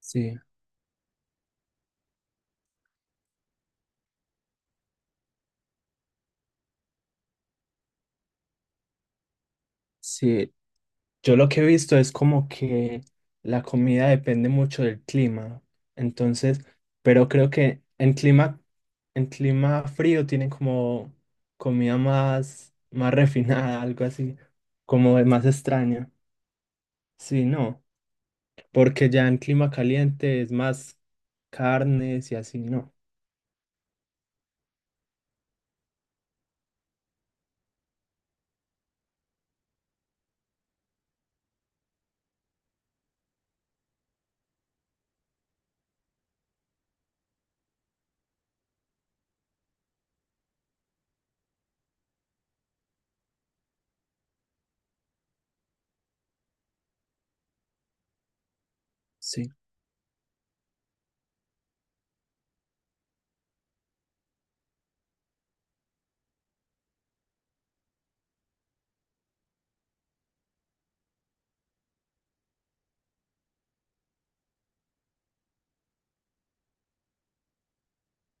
Sí, sí. Yo lo que he visto es como que la comida depende mucho del clima. Entonces, pero creo que en clima frío tienen como comida más, más refinada, algo así, como más extraña. Sí, no. Porque ya en clima caliente es más carnes y así, no. Sí.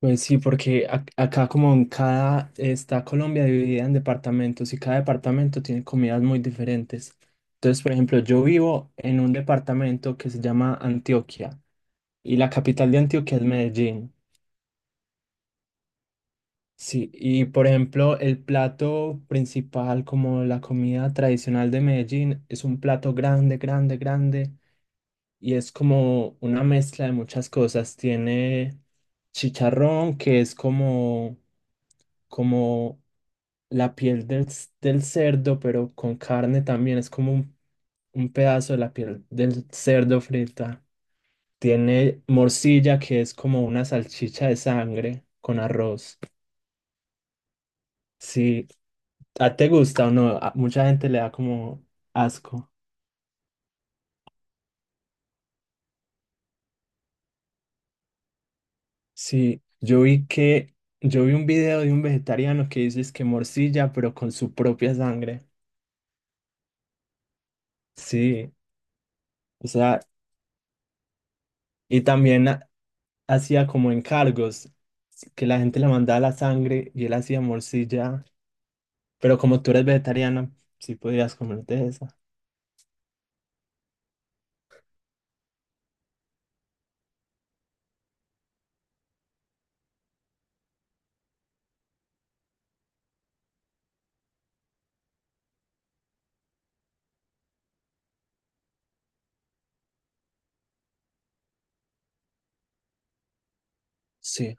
Pues sí, porque acá como en cada, está Colombia dividida en departamentos y cada departamento tiene comidas muy diferentes. Entonces, por ejemplo, yo vivo en un departamento que se llama Antioquia y la capital de Antioquia es Medellín. Sí, y por ejemplo, el plato principal, como la comida tradicional de Medellín, es un plato grande, grande, grande y es como una mezcla de muchas cosas. Tiene chicharrón, que es como, como la piel del cerdo, pero con carne también. Es como un pedazo de la piel del cerdo frita. Tiene morcilla, que es como una salchicha de sangre con arroz. Sí, ¿a te gusta o no? A mucha gente le da como asco. Sí, yo vi un video de un vegetariano que dice es que morcilla, pero con su propia sangre. Sí, o sea, y también hacía como encargos, que la gente le mandaba la sangre y él hacía morcilla, pero como tú eres vegetariana, sí podrías comerte esa. Sí,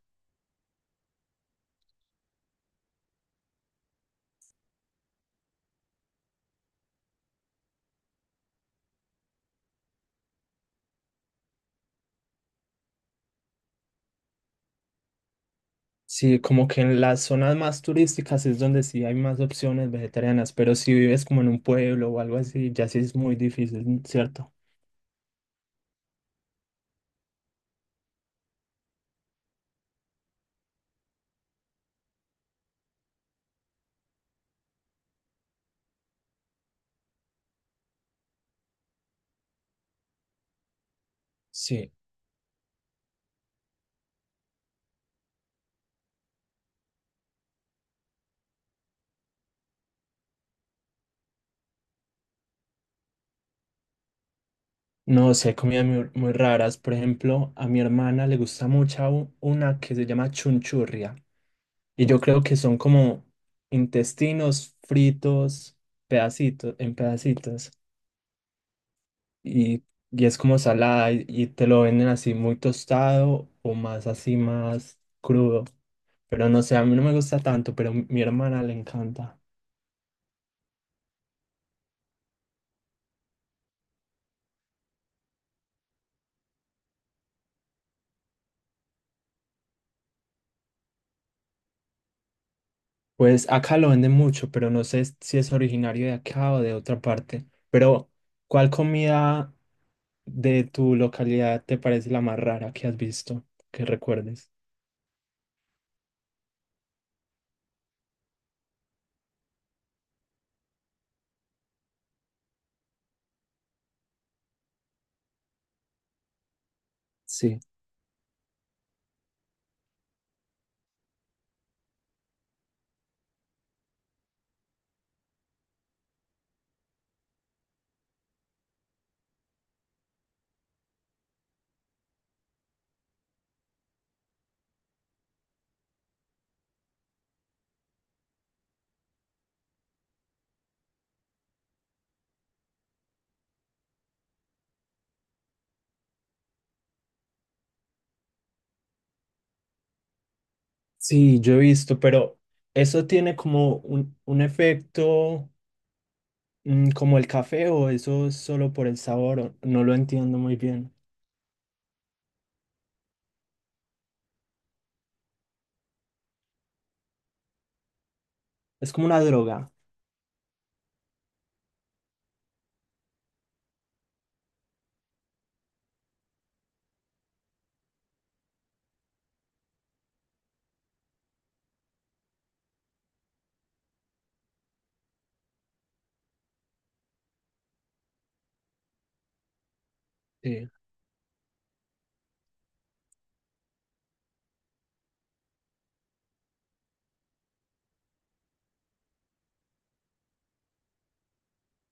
sí, como que en las zonas más turísticas es donde sí hay más opciones vegetarianas, pero si vives como en un pueblo o algo así, ya sí es muy difícil, ¿cierto? Sí. No, sé, hay comidas muy, muy raras. Por ejemplo, a mi hermana le gusta mucho una que se llama chunchurria. Y yo creo que son como intestinos fritos, pedacitos, en pedacitos. Y, y es como salada y te lo venden así muy tostado o más así, más crudo. Pero no sé, a mí no me gusta tanto, pero a mi hermana le encanta. Pues acá lo venden mucho, pero no sé si es originario de acá o de otra parte. Pero, ¿cuál comida de tu localidad te parece la más rara que has visto, que recuerdes? Sí. Sí, yo he visto, pero ¿eso tiene como un efecto como el café o eso es solo por el sabor? No lo entiendo muy bien. Es como una droga. Sí.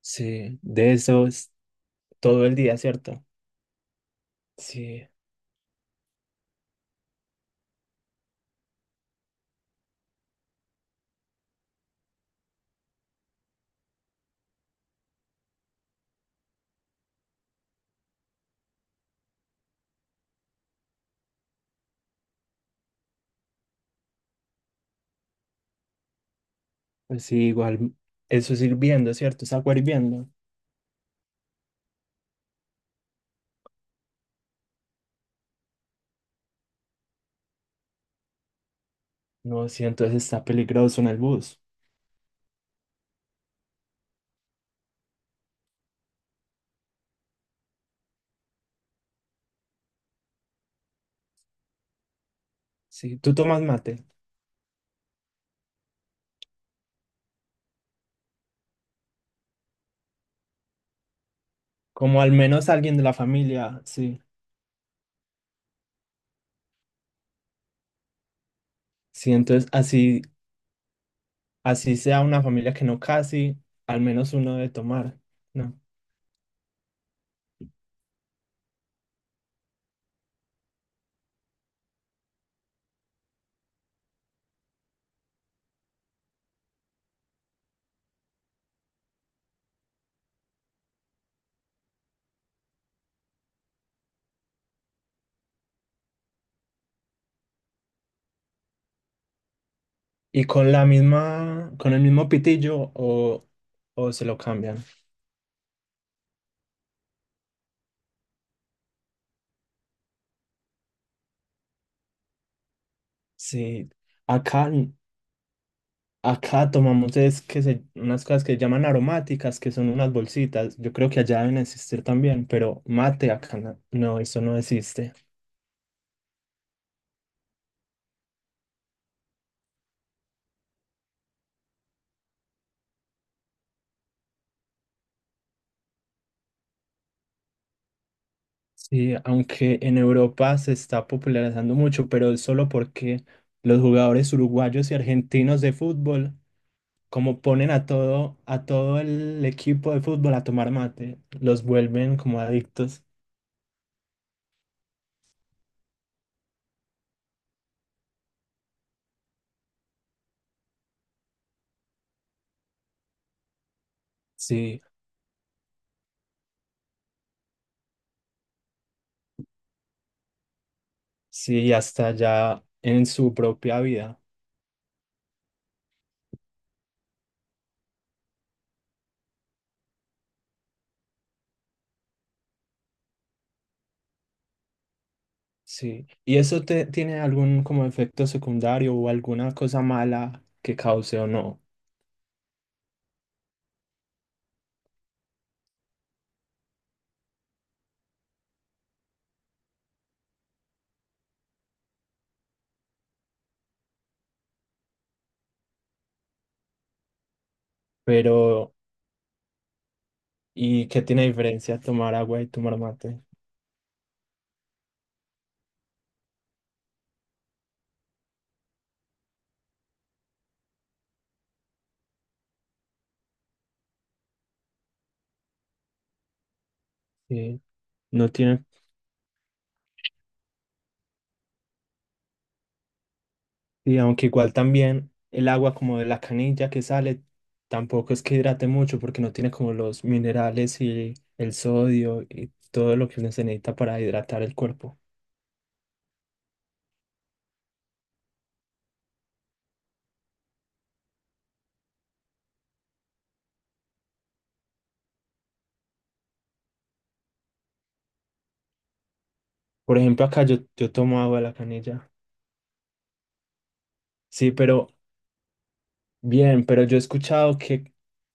Sí, de eso es todo el día, ¿cierto? Sí, pues sí, igual eso es hirviendo, ¿cierto? Es agua hirviendo. No, sí, entonces está peligroso en el bus. Sí, tú tomas mate, como al menos alguien de la familia, sí. Sí, entonces así, así sea una familia que no casi, al menos uno debe tomar, ¿no? Y con la misma, con el mismo pitillo, o se lo cambian. Sí, acá, acá tomamos es que unas cosas que llaman aromáticas, que son unas bolsitas. Yo creo que allá deben existir también, pero mate acá no, no, eso no existe. Sí, aunque en Europa se está popularizando mucho, pero es solo porque los jugadores uruguayos y argentinos de fútbol como ponen a todo el equipo de fútbol a tomar mate, los vuelven como adictos. Sí, sí, y hasta ya en su propia vida. Sí. ¿Y eso te tiene algún como efecto secundario o alguna cosa mala que cause o no? Pero, ¿y qué tiene diferencia tomar agua y tomar mate? Sí. No tiene. Y aunque igual también el agua como de la canilla que sale, tampoco es que hidrate mucho porque no tiene como los minerales y el sodio y todo lo que uno se necesita para hidratar el cuerpo. Por ejemplo, acá yo tomo agua de la canilla. Sí, pero bien, pero yo he escuchado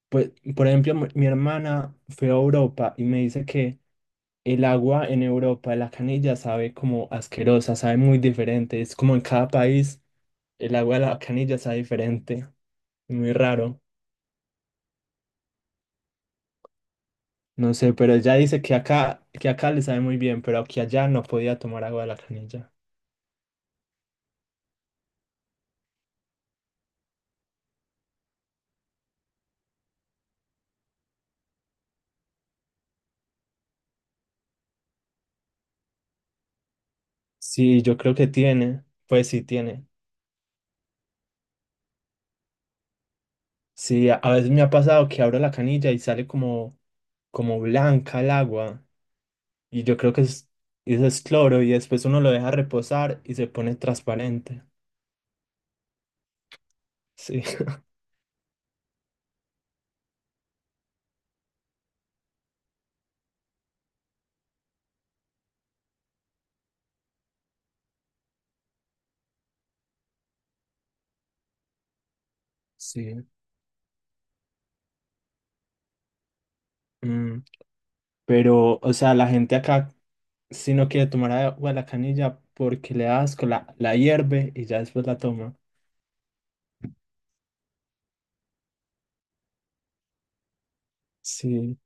pues, por ejemplo, mi hermana fue a Europa y me dice que el agua en Europa de la canilla sabe como asquerosa, sabe muy diferente. Es como en cada país el agua de la canilla sabe diferente, muy raro. No sé, pero ella dice que acá le sabe muy bien, pero que allá no podía tomar agua de la canilla. Sí, yo creo que tiene. Pues sí, tiene. Sí, a veces me ha pasado que abro la canilla y sale como blanca el agua. Y yo creo que eso es cloro y después uno lo deja reposar y se pone transparente. Sí, sí. Mm, pero, o sea, la gente acá si no quiere tomar agua de la canilla porque le da asco, la hierve y ya después la toma. Sí.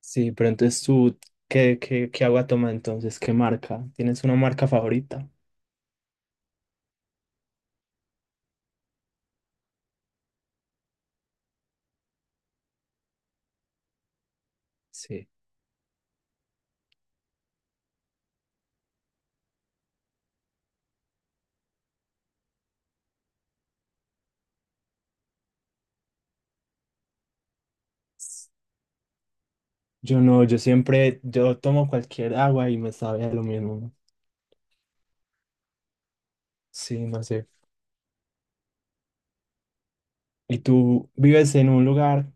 Sí, pero ¿qué, qué, qué agua tomas entonces? ¿Qué marca? ¿Tienes una marca favorita? Sí. Yo no, yo siempre, yo tomo cualquier agua y me sabe a lo mismo. Sí, no sé. ¿Y tú vives en un lugar,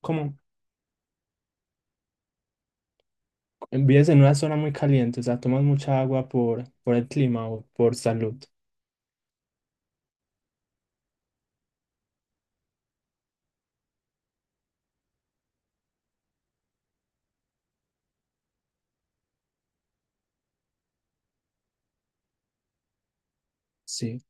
como, vives en una zona muy caliente, o sea, tomas mucha agua por el clima o por salud? Sí.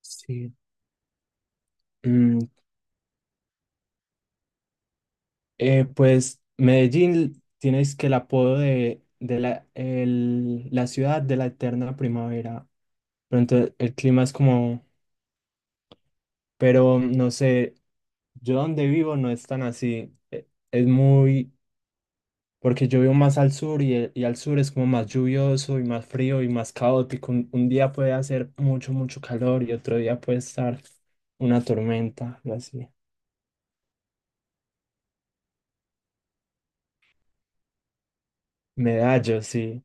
Sí. Mm, pues Medellín tienes que el apodo de la ciudad de la eterna primavera. Pero entonces el clima es como, pero no sé, yo donde vivo no es tan así. Es muy, porque yo vivo más al sur y al sur es como más lluvioso y más frío y más caótico. Un día puede hacer mucho, mucho calor y otro día puede estar una tormenta, algo así. Medallo, sí.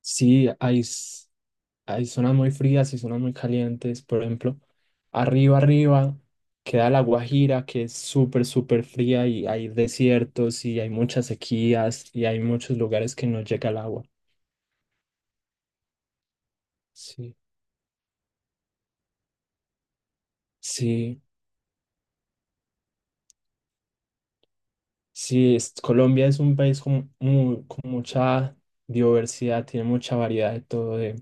Sí, hay. Hay zonas muy frías y zonas muy calientes. Por ejemplo, arriba queda La Guajira, que es súper, súper fría y hay desiertos y hay muchas sequías y hay muchos lugares que no llega el agua. Sí, sí, sí. Colombia es un país con mucha diversidad, tiene mucha variedad de todo,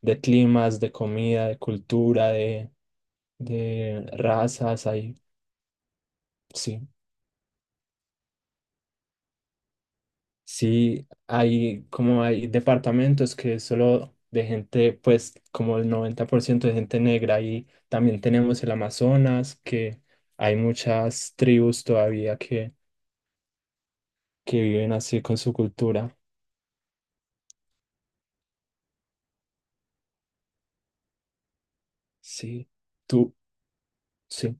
de climas, de comida, de cultura, de razas. Ahí, sí. Sí, hay como hay departamentos que es solo de gente, pues como el 90% de gente negra y también tenemos el Amazonas, que hay muchas tribus todavía que viven así con su cultura. Sí, tú, sí,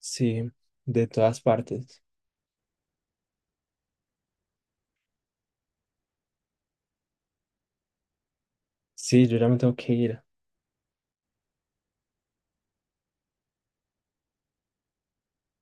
sí, de todas partes. Sí, yo ya me tengo que ir.